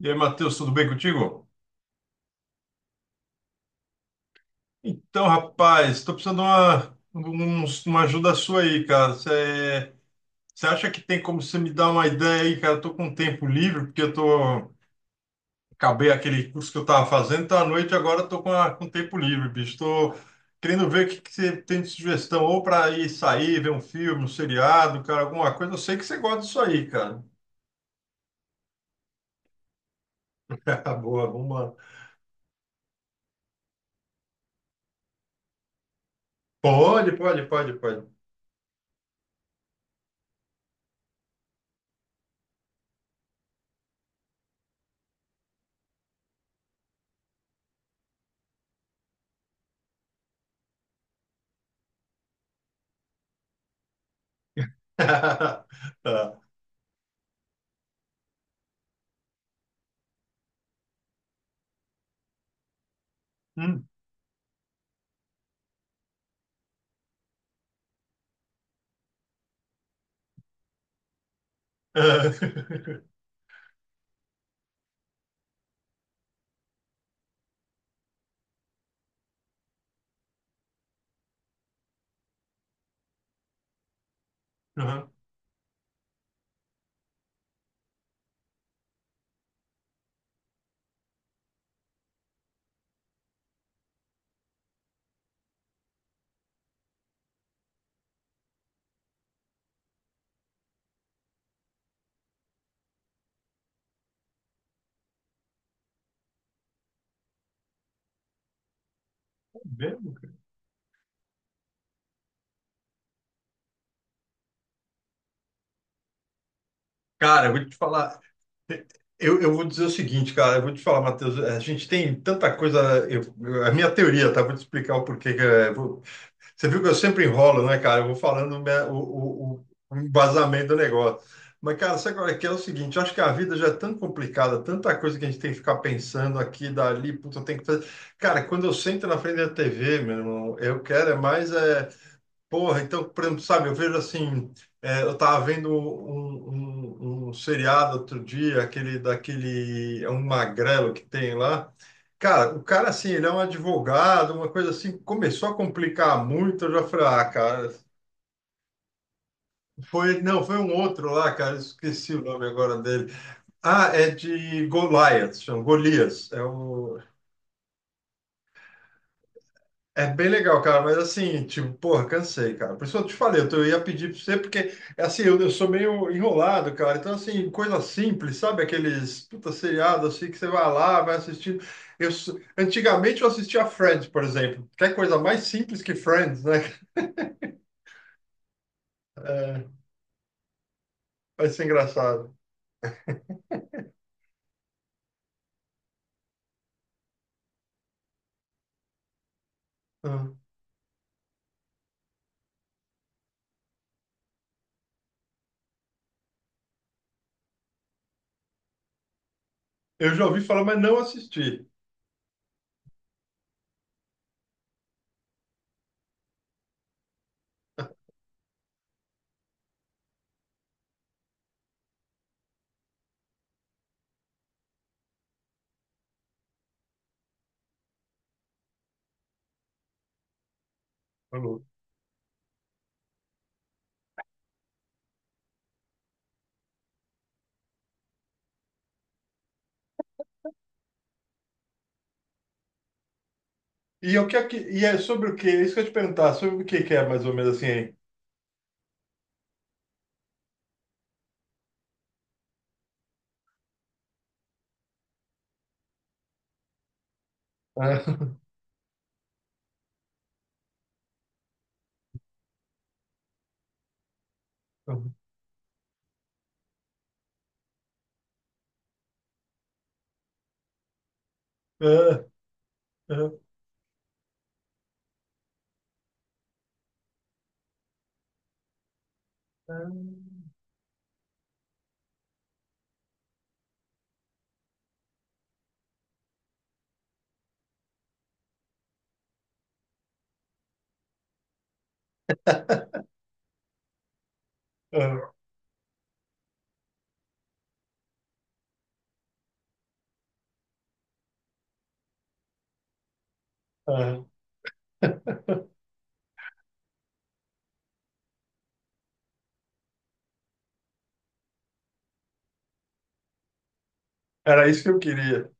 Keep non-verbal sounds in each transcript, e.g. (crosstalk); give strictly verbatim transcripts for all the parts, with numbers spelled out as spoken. E aí, Matheus, tudo bem contigo? Então, rapaz, estou precisando de uma, um- uma ajuda sua aí, cara. Você acha que tem como você me dar uma ideia aí, cara? Eu tô com tempo livre, porque eu tô, acabei aquele curso que eu estava fazendo, então à noite agora eu tô com, a- com tempo livre, bicho. Estou querendo ver o que, que você tem de sugestão, ou para ir sair, ver um filme, um seriado, cara, alguma coisa. Eu sei que você gosta disso aí, cara. (laughs) Boa, vamos lá. Pode, pode, pode, pode. (laughs) Tá. Hum. (laughs) Aham. Mesmo, cara. Cara, eu vou te falar. Eu, eu vou dizer o seguinte, cara, eu vou te falar, Matheus, a gente tem tanta coisa. Eu- eu- a minha teoria, tá? Vou te explicar o porquê. Que é- vou- você viu que eu sempre enrolo, né, cara? Eu vou falando minha- o, o, o embasamento do negócio. Mas, cara, sabe agora que é o seguinte, eu acho que a vida já é tão complicada, tanta coisa que a gente tem que ficar pensando aqui, dali, puta, tem que fazer. Cara, quando eu sento na frente da T V, meu irmão, eu quero é mais. é, Porra, então, por exemplo, sabe, eu vejo assim, é, eu tava vendo um, um, um seriado outro dia, aquele daquele, é um magrelo que tem lá. Cara, o cara assim, ele é um advogado, uma coisa assim, começou a complicar muito, eu já falei, ah, cara, foi, não, foi um outro lá, cara, esqueci o nome agora dele. Ah, é de Goliath, chama Golias, é o. É bem legal, cara, mas assim, tipo, porra, cansei, cara. Por isso eu te falei, eu, tô- eu ia pedir pra você, porque, assim, eu, eu sou meio enrolado, cara. Então, assim, coisa simples, sabe? Aqueles, puta, seriado, assim, que você vai lá, vai assistindo. Eu, s- Antigamente eu assistia Friends, por exemplo. Quer coisa mais simples que Friends, né? (laughs) É, vai ser engraçado. Hum. Eu já ouvi falar, mas não assisti. Falou. E, o que é que, e é sobre o quê? É isso que eu ia te perguntar, sobre o que que é, mais ou menos, assim, hein? (laughs) Ah, ah, ah, ah. Aham. Era isso que eu queria.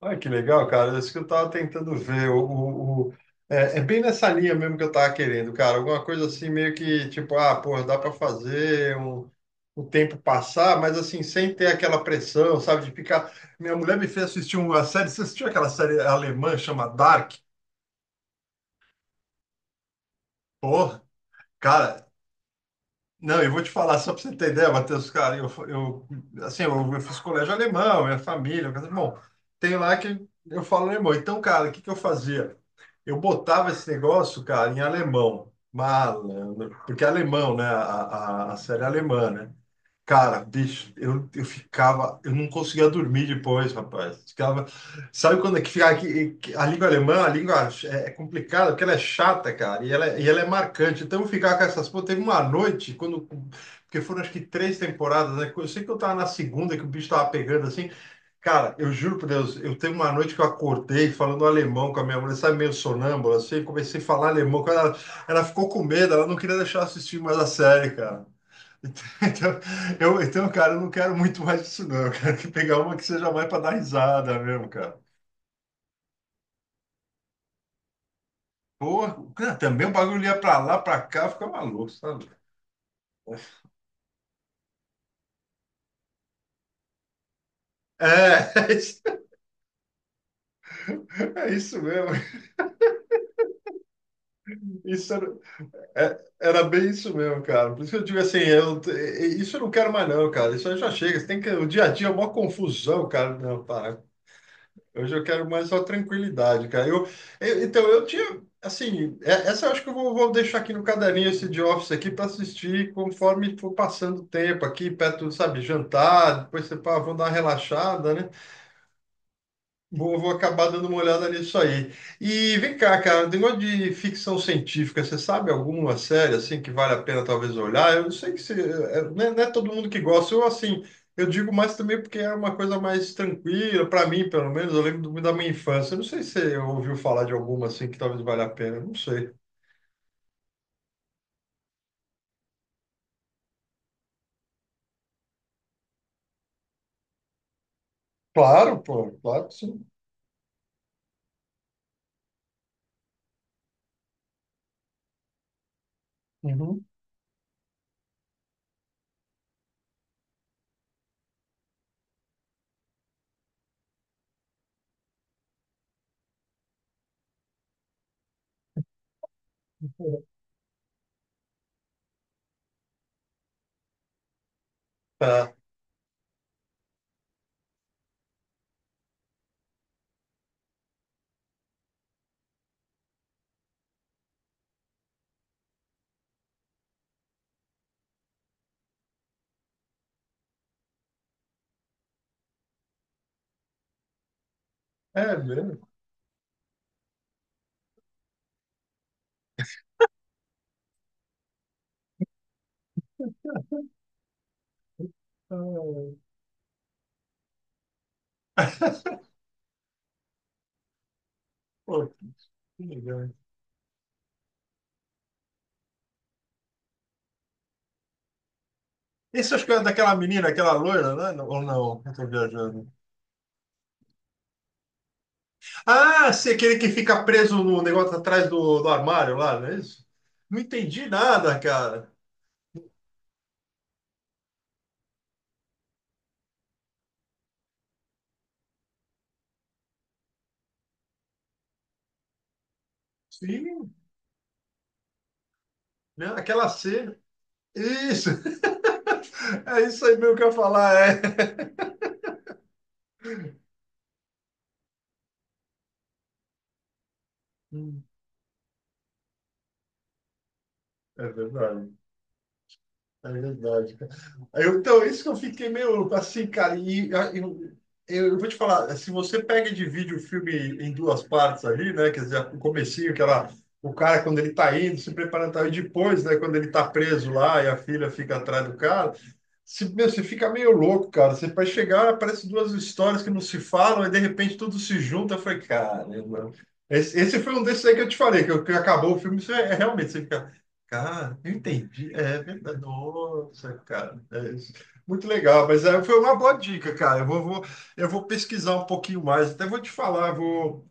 Olha que legal, cara. É isso que eu estava tentando ver. O, o- o- é, é bem nessa linha mesmo que eu estava querendo, cara. Alguma coisa assim, meio que tipo, ah, pô, dá para fazer um, o tempo passar, mas assim, sem ter aquela pressão, sabe? De ficar. Minha mulher me fez assistir uma série. Você assistiu aquela série alemã chama Dark? Porra, cara. Não, eu vou te falar, só para você ter ideia, Matheus, cara, eu, eu, assim, eu, eu fiz colégio alemão, minha família, mas, bom, tem lá que eu falo alemão. Então, cara, o que que eu fazia? Eu botava esse negócio, cara, em alemão, malandro, porque é alemão, né, a, a, a série é alemã, né? Cara, bicho, eu, eu ficava, eu não conseguia dormir depois, rapaz. Ficava. Sabe quando é que fica aqui, que a língua alemã, a língua é é complicada, porque ela é chata, cara, e ela, é- e ela é marcante. Então, ficar com essas. Pô, teve uma noite, quando. Porque foram acho que três temporadas, né? Eu sei que eu tava na segunda, que o bicho tava pegando assim. Cara, eu juro por Deus, eu teve uma noite que eu acordei falando alemão com a minha mulher, sabe, meio sonâmbula, assim, comecei a falar alemão. Quando ela, ela ficou com medo, ela não queria deixar eu assistir mais a série, cara. (laughs) Então, eu, então, cara, eu não quero muito mais isso, não. Eu quero que pegar uma que seja mais para dar risada mesmo, cara. Porra, cara, também o bagulho ia pra lá, pra cá, fica maluco, sabe? É, (laughs) isso- é isso mesmo. Isso era, é- era bem isso mesmo, cara. Por isso que eu digo assim, eu, isso eu não quero mais não, cara. Isso aí já chega. Você tem que, o dia a dia é uma confusão, cara. Não, para. Hoje eu quero mais só tranquilidade, cara. Eu, eu- então, eu tinha, assim, é- essa eu acho que eu vou, vou deixar aqui no caderninho esse de office aqui para assistir conforme for passando o tempo aqui, perto, sabe, jantar, depois você, pá, vão dar uma relaxada, né? Vou, vou acabar dando uma olhada nisso aí. E vem cá, cara, um negócio de ficção científica, você sabe alguma série assim que vale a pena talvez olhar? Eu sei que você, é, não é, não é todo mundo que gosta. Eu assim, eu digo mais também porque é uma coisa mais tranquila para mim, pelo menos. Eu lembro do- da minha infância. Eu não sei se você ouviu falar de alguma assim que talvez valha a pena. Eu não sei. Claro, pô, claro que sim. Uhum. Tá. É mesmo. (laughs) Ah. Pô, que legal. Esse acho que é daquela menina, aquela loira, né? Não- Ou não? Eu tô viajando. Ah, se aquele que fica preso no negócio atrás do, do armário lá, não é isso? Não entendi nada, cara. Sim, né? Aquela cena. Isso, (laughs) é isso aí mesmo que eu ia falar, é. Hum. É verdade. É verdade, cara. Eu, então, isso que eu fiquei meio assim, cara. E a- eu, eu, eu vou te falar, se você pega e divide o filme em duas partes ali, né? Quer dizer, o comecinho, que ela, o cara, quando ele tá indo, se preparando, tá, e depois, né, quando ele tá preso lá e a filha fica atrás do cara, se, meu, você fica meio louco, cara. Você vai chegar, aparece duas histórias que não se falam, e de repente tudo se junta. Eu falei, cara, esse, esse foi um desses aí que eu te falei, que, eu- que acabou o filme, você, é, é realmente, você fica. Cara, eu entendi. É verdade. Nossa, cara. É isso. Muito legal, mas é, foi uma boa dica, cara. Eu vou, vou- eu vou pesquisar um pouquinho mais. Até vou te falar, vou,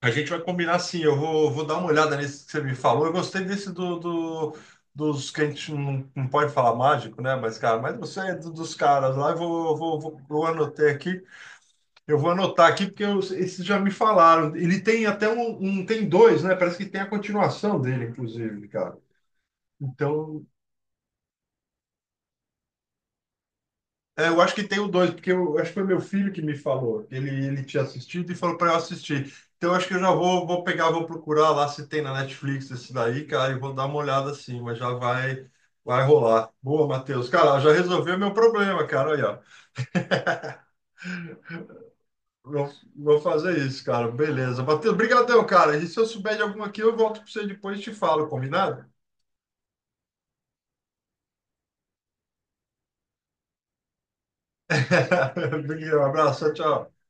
a gente vai combinar assim. Eu vou, vou dar uma olhada nesse que você me falou. Eu gostei desse do, do- dos que a gente não, não pode falar mágico, né? Mas, cara, mas você é do- dos caras lá. Eu vou, vou, vou, eu anotei aqui. Eu vou anotar aqui porque eu- esses já me falaram. Ele tem até um, um, tem dois, né? Parece que tem a continuação dele, inclusive, cara. Então, é, eu acho que tem o dois, porque eu acho que foi meu filho que me falou. Ele, ele tinha assistido e falou para eu assistir. Então eu acho que eu já vou, vou pegar, vou procurar lá se tem na Netflix esse daí, cara, e vou dar uma olhada assim, mas já vai, vai rolar. Boa, Matheus. Cara, já resolveu meu problema, cara. Aí, ó. Vou, vou fazer isso, cara. Beleza. Matheus, brigadão, cara. E se eu souber de alguma aqui, eu volto para você depois e te falo, combinado? (laughs) Um abraço, tchau. Tchau.